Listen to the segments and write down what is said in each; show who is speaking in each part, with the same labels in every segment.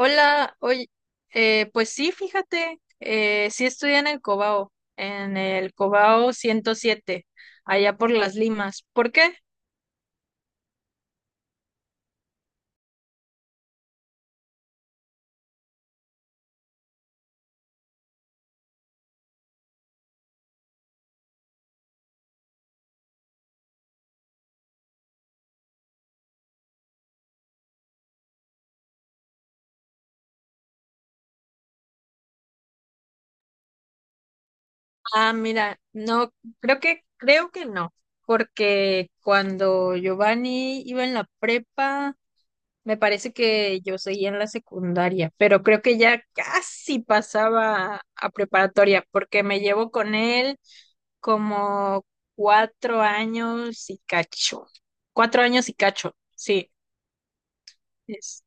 Speaker 1: Hola, oye, pues sí, fíjate, sí estudié en el Cobao 107, allá por Las Limas. ¿Por qué? Ah, mira, no, creo que no, porque cuando Giovanni iba en la prepa, me parece que yo seguía en la secundaria, pero creo que ya casi pasaba a preparatoria, porque me llevo con él como cuatro años y cacho. Cuatro años y cacho, sí. Es.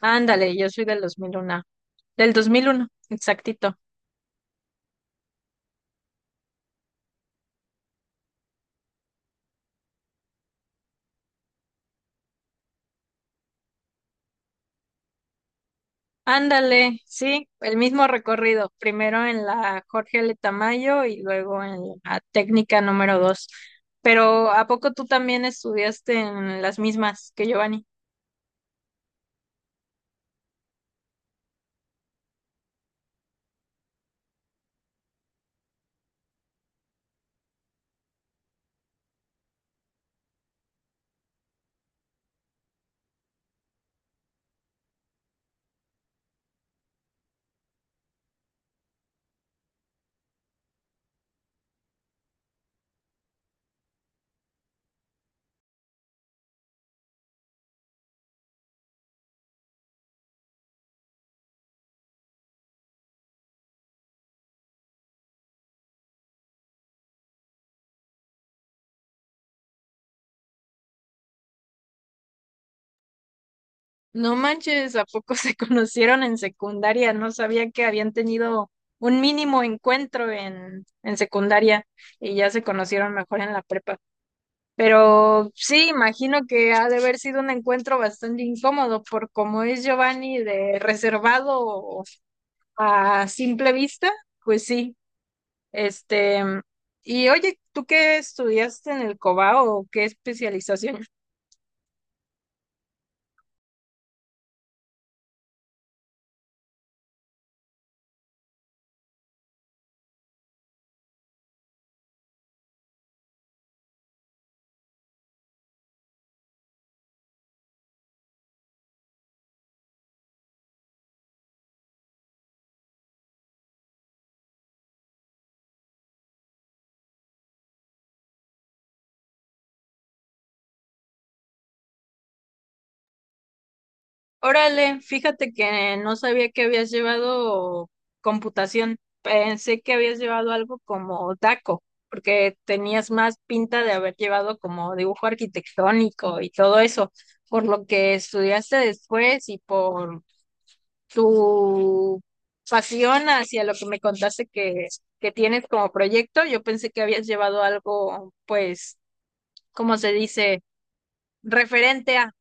Speaker 1: Ándale, yo soy del 2001. Del 2001, exactito. Ándale, sí, el mismo recorrido, primero en la Jorge L. Tamayo y luego en la técnica número 2. Pero ¿a poco tú también estudiaste en las mismas que Giovanni? No manches, ¿a poco se conocieron en secundaria? No sabía que habían tenido un mínimo encuentro en secundaria y ya se conocieron mejor en la prepa. Pero sí, imagino que ha de haber sido un encuentro bastante incómodo por cómo es Giovanni de reservado. A simple vista, pues sí. Este, y oye, ¿tú qué estudiaste en el COBAO o qué especialización? Órale, fíjate que no sabía que habías llevado computación. Pensé que habías llevado algo como DACO, porque tenías más pinta de haber llevado como dibujo arquitectónico y todo eso, por lo que estudiaste después y por tu pasión hacia lo que me contaste que tienes como proyecto. Yo pensé que habías llevado algo, pues, ¿cómo se dice? Referente a,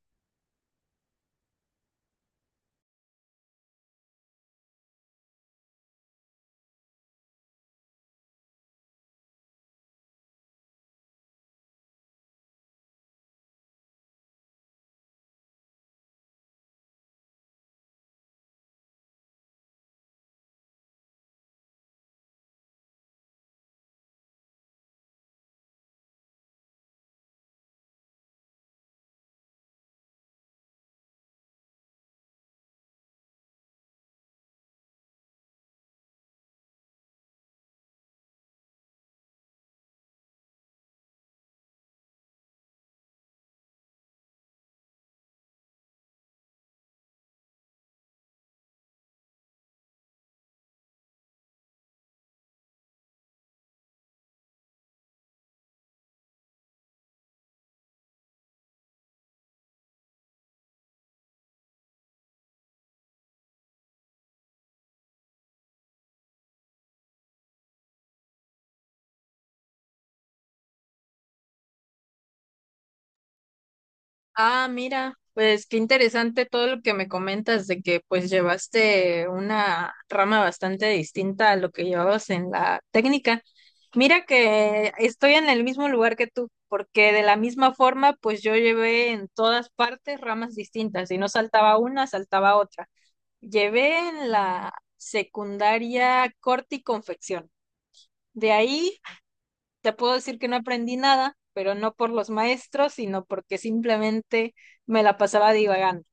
Speaker 1: ah, mira, pues qué interesante todo lo que me comentas de que pues llevaste una rama bastante distinta a lo que llevabas en la técnica. Mira que estoy en el mismo lugar que tú, porque de la misma forma, pues yo llevé en todas partes ramas distintas y no saltaba una, saltaba otra. Llevé en la secundaria corte y confección. De ahí te puedo decir que no aprendí nada, pero no por los maestros, sino porque simplemente me la pasaba divagando.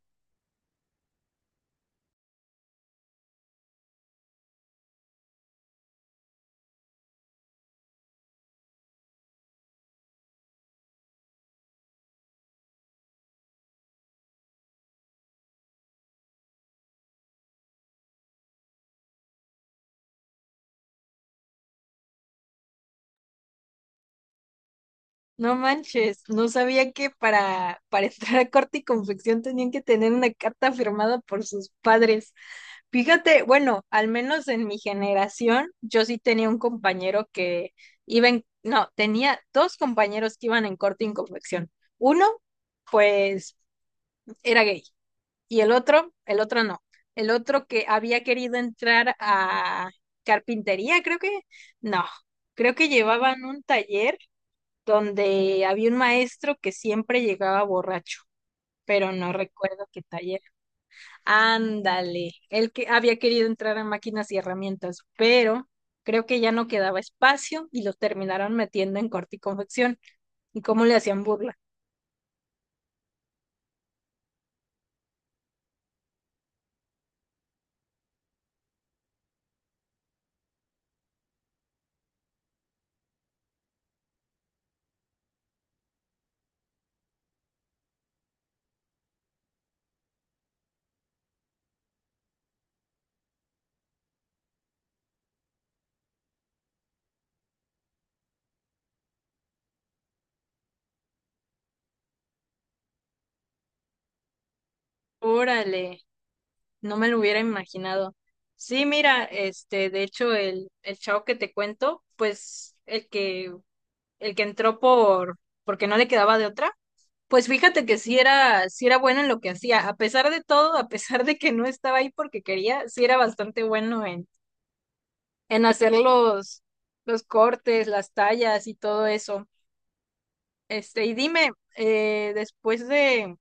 Speaker 1: No manches, no sabía que para entrar a corte y confección tenían que tener una carta firmada por sus padres. Fíjate, bueno, al menos en mi generación, yo sí tenía un compañero que iba en, no, tenía dos compañeros que iban en corte y confección. Uno, pues era gay. Y el otro no. El otro que había querido entrar a carpintería, creo que, no, creo que llevaban un taller donde había un maestro que siempre llegaba borracho, pero no recuerdo qué taller. Ándale, el que había querido entrar a máquinas y herramientas, pero creo que ya no quedaba espacio y lo terminaron metiendo en corte y confección. ¿Y cómo le hacían burla? Órale. No me lo hubiera imaginado. Sí, mira, este, de hecho, el chavo que te cuento, pues, el que entró porque no le quedaba de otra, pues fíjate que sí era bueno en lo que hacía. A pesar de todo, a pesar de que no estaba ahí porque quería, sí era bastante bueno en hacer los cortes, las tallas y todo eso. Este, y dime, eh, después de,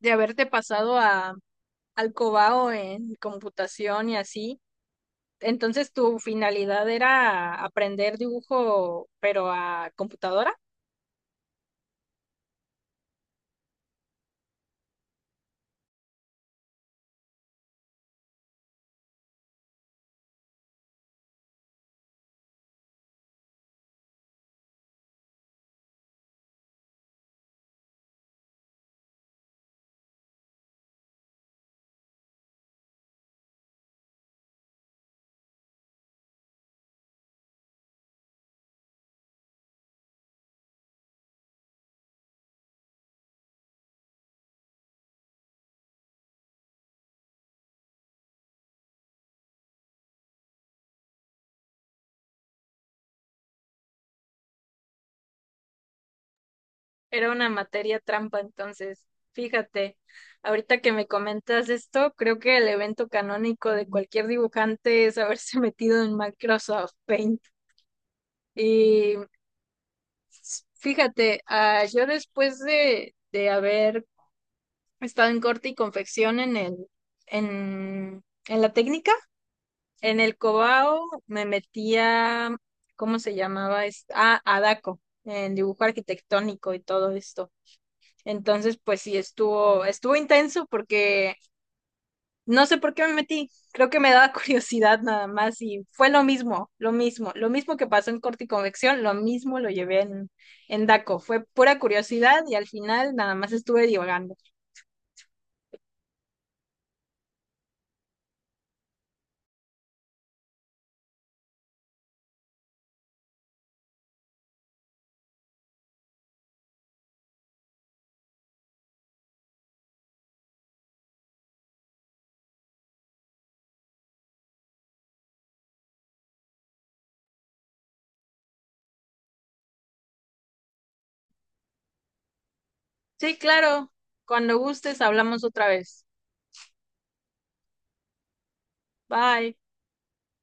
Speaker 1: de haberte pasado al Cobao en computación y así. Entonces, ¿tu finalidad era aprender dibujo, pero a computadora? Era una materia trampa, entonces, fíjate, ahorita que me comentas esto, creo que el evento canónico de cualquier dibujante es haberse metido en Microsoft Paint. Y fíjate, ah, yo de haber estado en corte y confección en en la técnica, en el Cobao me metía, ¿cómo se llamaba esto? Ah, a DACO, en dibujo arquitectónico y todo esto. Entonces, pues sí, estuvo intenso porque no sé por qué me metí. Creo que me daba curiosidad nada más y fue lo mismo, lo mismo, lo mismo que pasó en corte y convección, lo mismo lo llevé en DACO. Fue pura curiosidad y al final nada más estuve divagando. Sí, claro, cuando gustes hablamos otra vez. Bye.